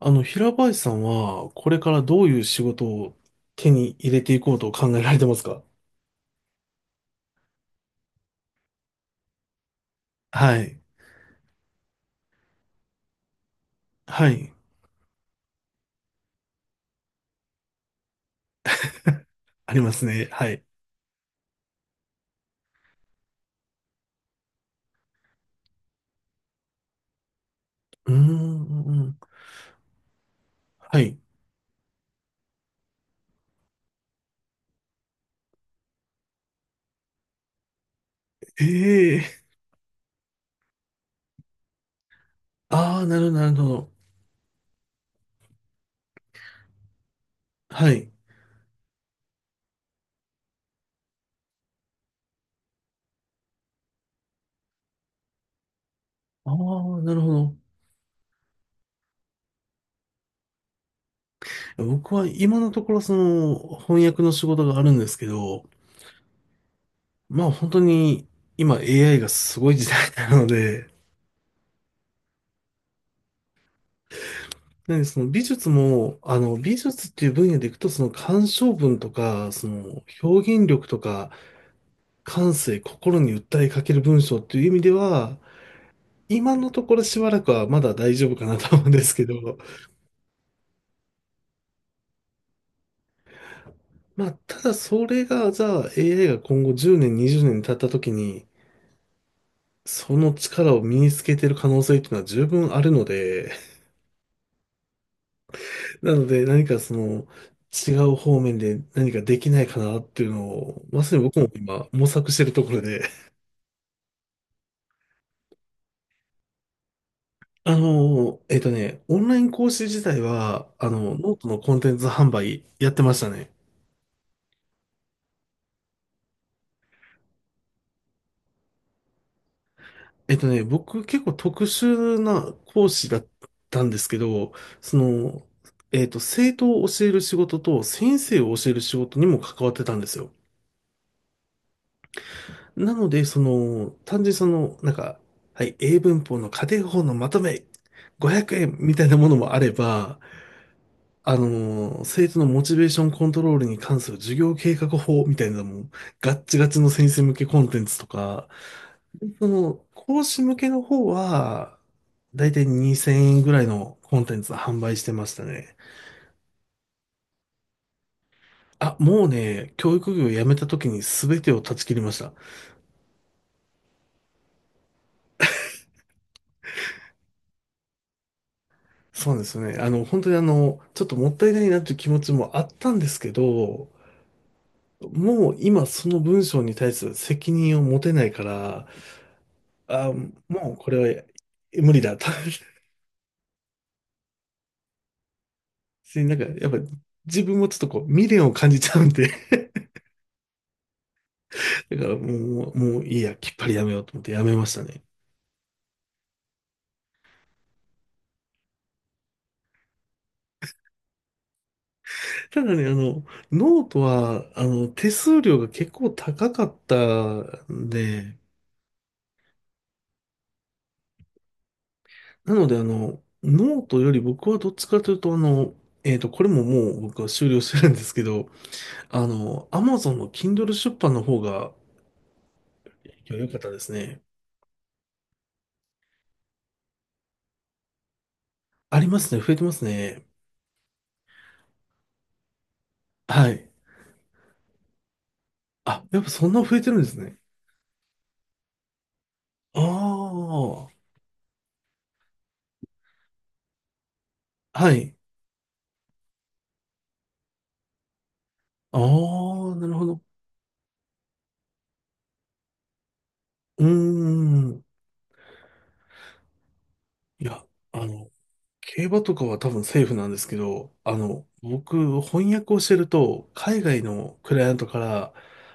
平林さんは、これからどういう仕事を手に入れていこうと考えられてますか？はい。はい。ありますね。はい。うーん。はい。ええ。ああー、なるほど、なるほど。はい。ああ、なるほど。僕は今のところ翻訳の仕事があるんですけど、まあ本当に今 AI がすごい時代なので、なんで美術も、美術っていう分野でいくと鑑賞文とか、その表現力とか、感性、心に訴えかける文章っていう意味では、今のところしばらくはまだ大丈夫かなと思うんですけど、まあ、ただそれが、じゃあ AI が今後10年、20年経った時に、その力を身につけてる可能性っていうのは十分あるので、なので何か違う方面で何かできないかなっていうのを、まさに僕も今模索してるところで、オンライン講師自体は、ノートのコンテンツ販売やってましたね。僕結構特殊な講師だったんですけど、その、生徒を教える仕事と先生を教える仕事にも関わってたんですよ。なので、単純にはい、英文法の家庭法のまとめ500円みたいなものもあれば、生徒のモチベーションコントロールに関する授業計画法みたいなのも、ガッチガチの先生向けコンテンツとか、講師向けの方は、だいたい2000円ぐらいのコンテンツ販売してましたね。あ、もうね、教育業を辞めた時に全てを断ち切りました。そうですね。本当にちょっともったいないなという気持ちもあったんですけど、もう今その文章に対する責任を持てないから、あ、もうこれは無理だと。しなんか、やっぱ自分もちょっとこう、未練を感じちゃうんで、だからもういいや、きっぱりやめようと思ってやめましたね。ただね、ノートは、手数料が結構高かったんで、なので、ノートより僕はどっちかというと、これももう僕は終了してるんですけど、Amazon の Kindle 出版の方が良かったですね。ありますね。増えてますね。はい。あ、やっぱそんな増えてるんですね。ああ、はい。ああ、なるほど。うーん。いや、あの、競馬とかは多分セーフなんですけど、僕、翻訳をしてると、海外のクライアントから、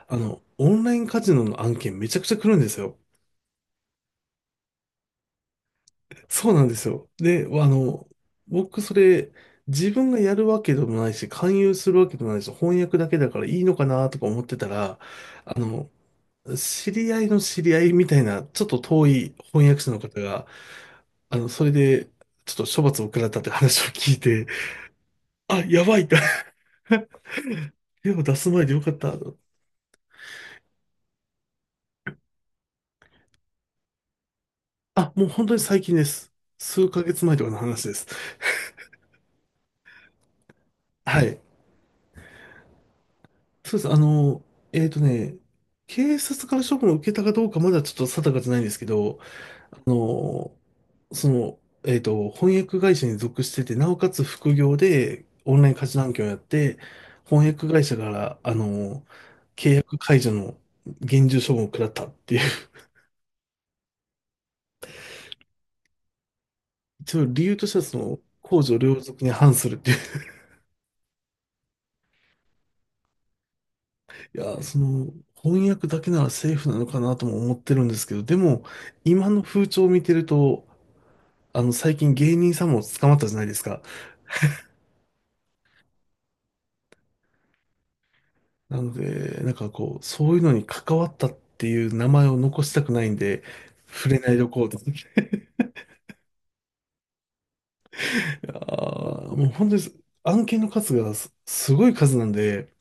オンラインカジノの案件めちゃくちゃ来るんですよ。そうなんですよ。で、あの、僕、それ、自分がやるわけでもないし、勧誘するわけでもないし、翻訳だけだからいいのかなとか思ってたら、あの、知り合いの知り合いみたいな、ちょっと遠い翻訳者の方が、あの、それで、ちょっと処罰を食らったって話を聞いて、あ、やばいって手を出す前でよかった。あ、もう本当に最近です。数ヶ月前とかの話です。はい。そうです。えっとね、警察から処分を受けたかどうかまだちょっと定かじゃないんですけど、あの、その、翻訳会社に属してて、なおかつ副業でオンライン家事案件をやって、翻訳会社から、契約解除の厳重処分を食らったっていう。一応理由としては、公序良俗に反するって。いや、翻訳だけならセーフなのかなとも思ってるんですけど、でも、今の風潮を見てると、最近芸人さんも捕まったじゃないですか。なので、なんかこう、そういうのに関わったっていう名前を残したくないんで、触れないでおこうと。いやーもう本当に、案件の数がす、すごい数なんで、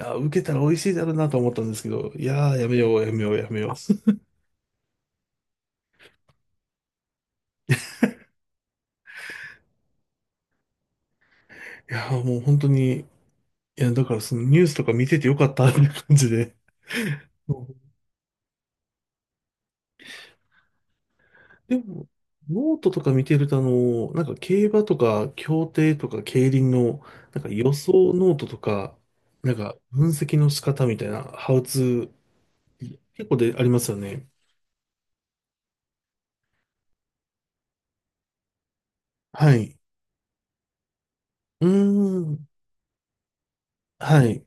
いやー受けたら美味しいだろうなと思ったんですけど、いやー、やめよう、やめよう、やめよう。いやーもう本当に、いや、だからそのニュースとか見ててよかったっていう感じで。でも、ノートとか見てると、競馬とか、競艇とか、競輪の、なんか予想ノートとか、なんか分析の仕方みたいな、ハウツー、結構でありますよね。はい。うーん。はい。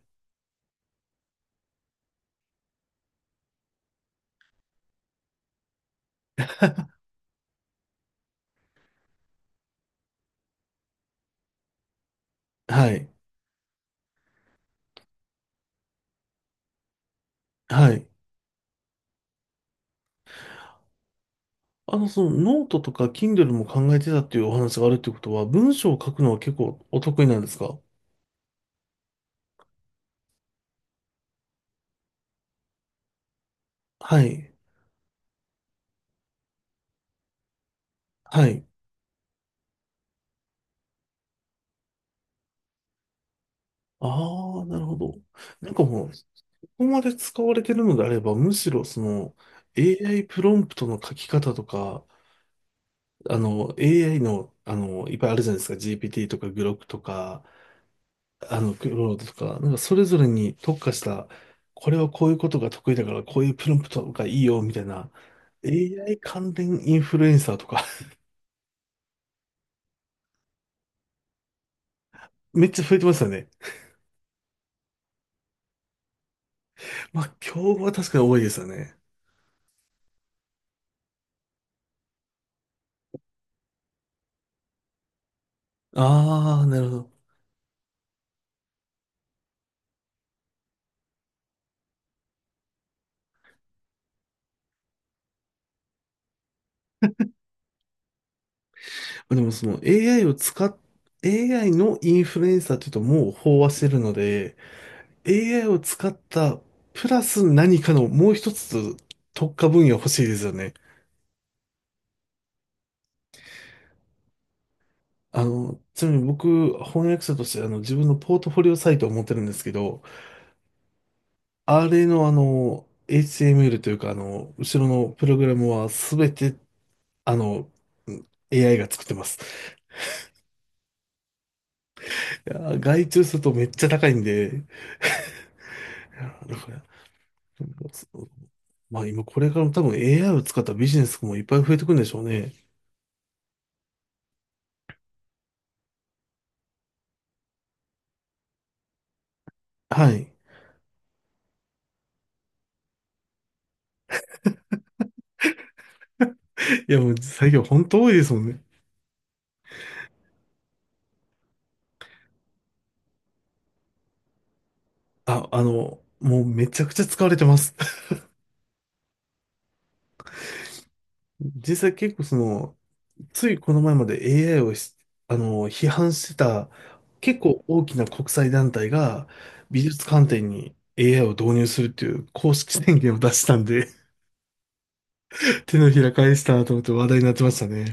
はい。はい。そのノートとか Kindle も考えてたっていうお話があるってことは、文章を書くのは結構お得意なんですか？はい。はい。ああ、なるほど。なんかもう、ここまで使われてるのであれば、むしろAI プロンプトの書き方とか、AI の、いっぱいあるじゃないですか。GPT とか Grok とか、クロードとか、なんかそれぞれに特化した、これはこういうことが得意だから、こういうプロンプトがいいよ、みたいな。AI 関連インフルエンサーとか。 めっちゃ増えてますよね。まあ、競合は確かに多いですよね。ああ、なるほど。まあでもその AI を使っ AI のインフルエンサーっていうともう飽和してるので、AI を使った、プラス何かのもう一つ特化分野欲しいですよね。ちなみに僕、翻訳者として自分のポートフォリオサイトを持ってるんですけど、あれのHTML というか後ろのプログラムはすべて、あの、うん AI が作ってます。いやー、外注するとめっちゃ高いんで、いやーだから、そうまあ今これからも多分 AI を使ったビジネスもいっぱい増えてくるんでしょうね。はい。いやもう最近本当多いですもんね。あ、もうめちゃくちゃ使われてます。実際結構ついこの前まで AI をし批判してた結構大きな国際団体が美術観点に AI を導入するっていう公式宣言を出したんで、手のひら返したなと思って話題になってましたね。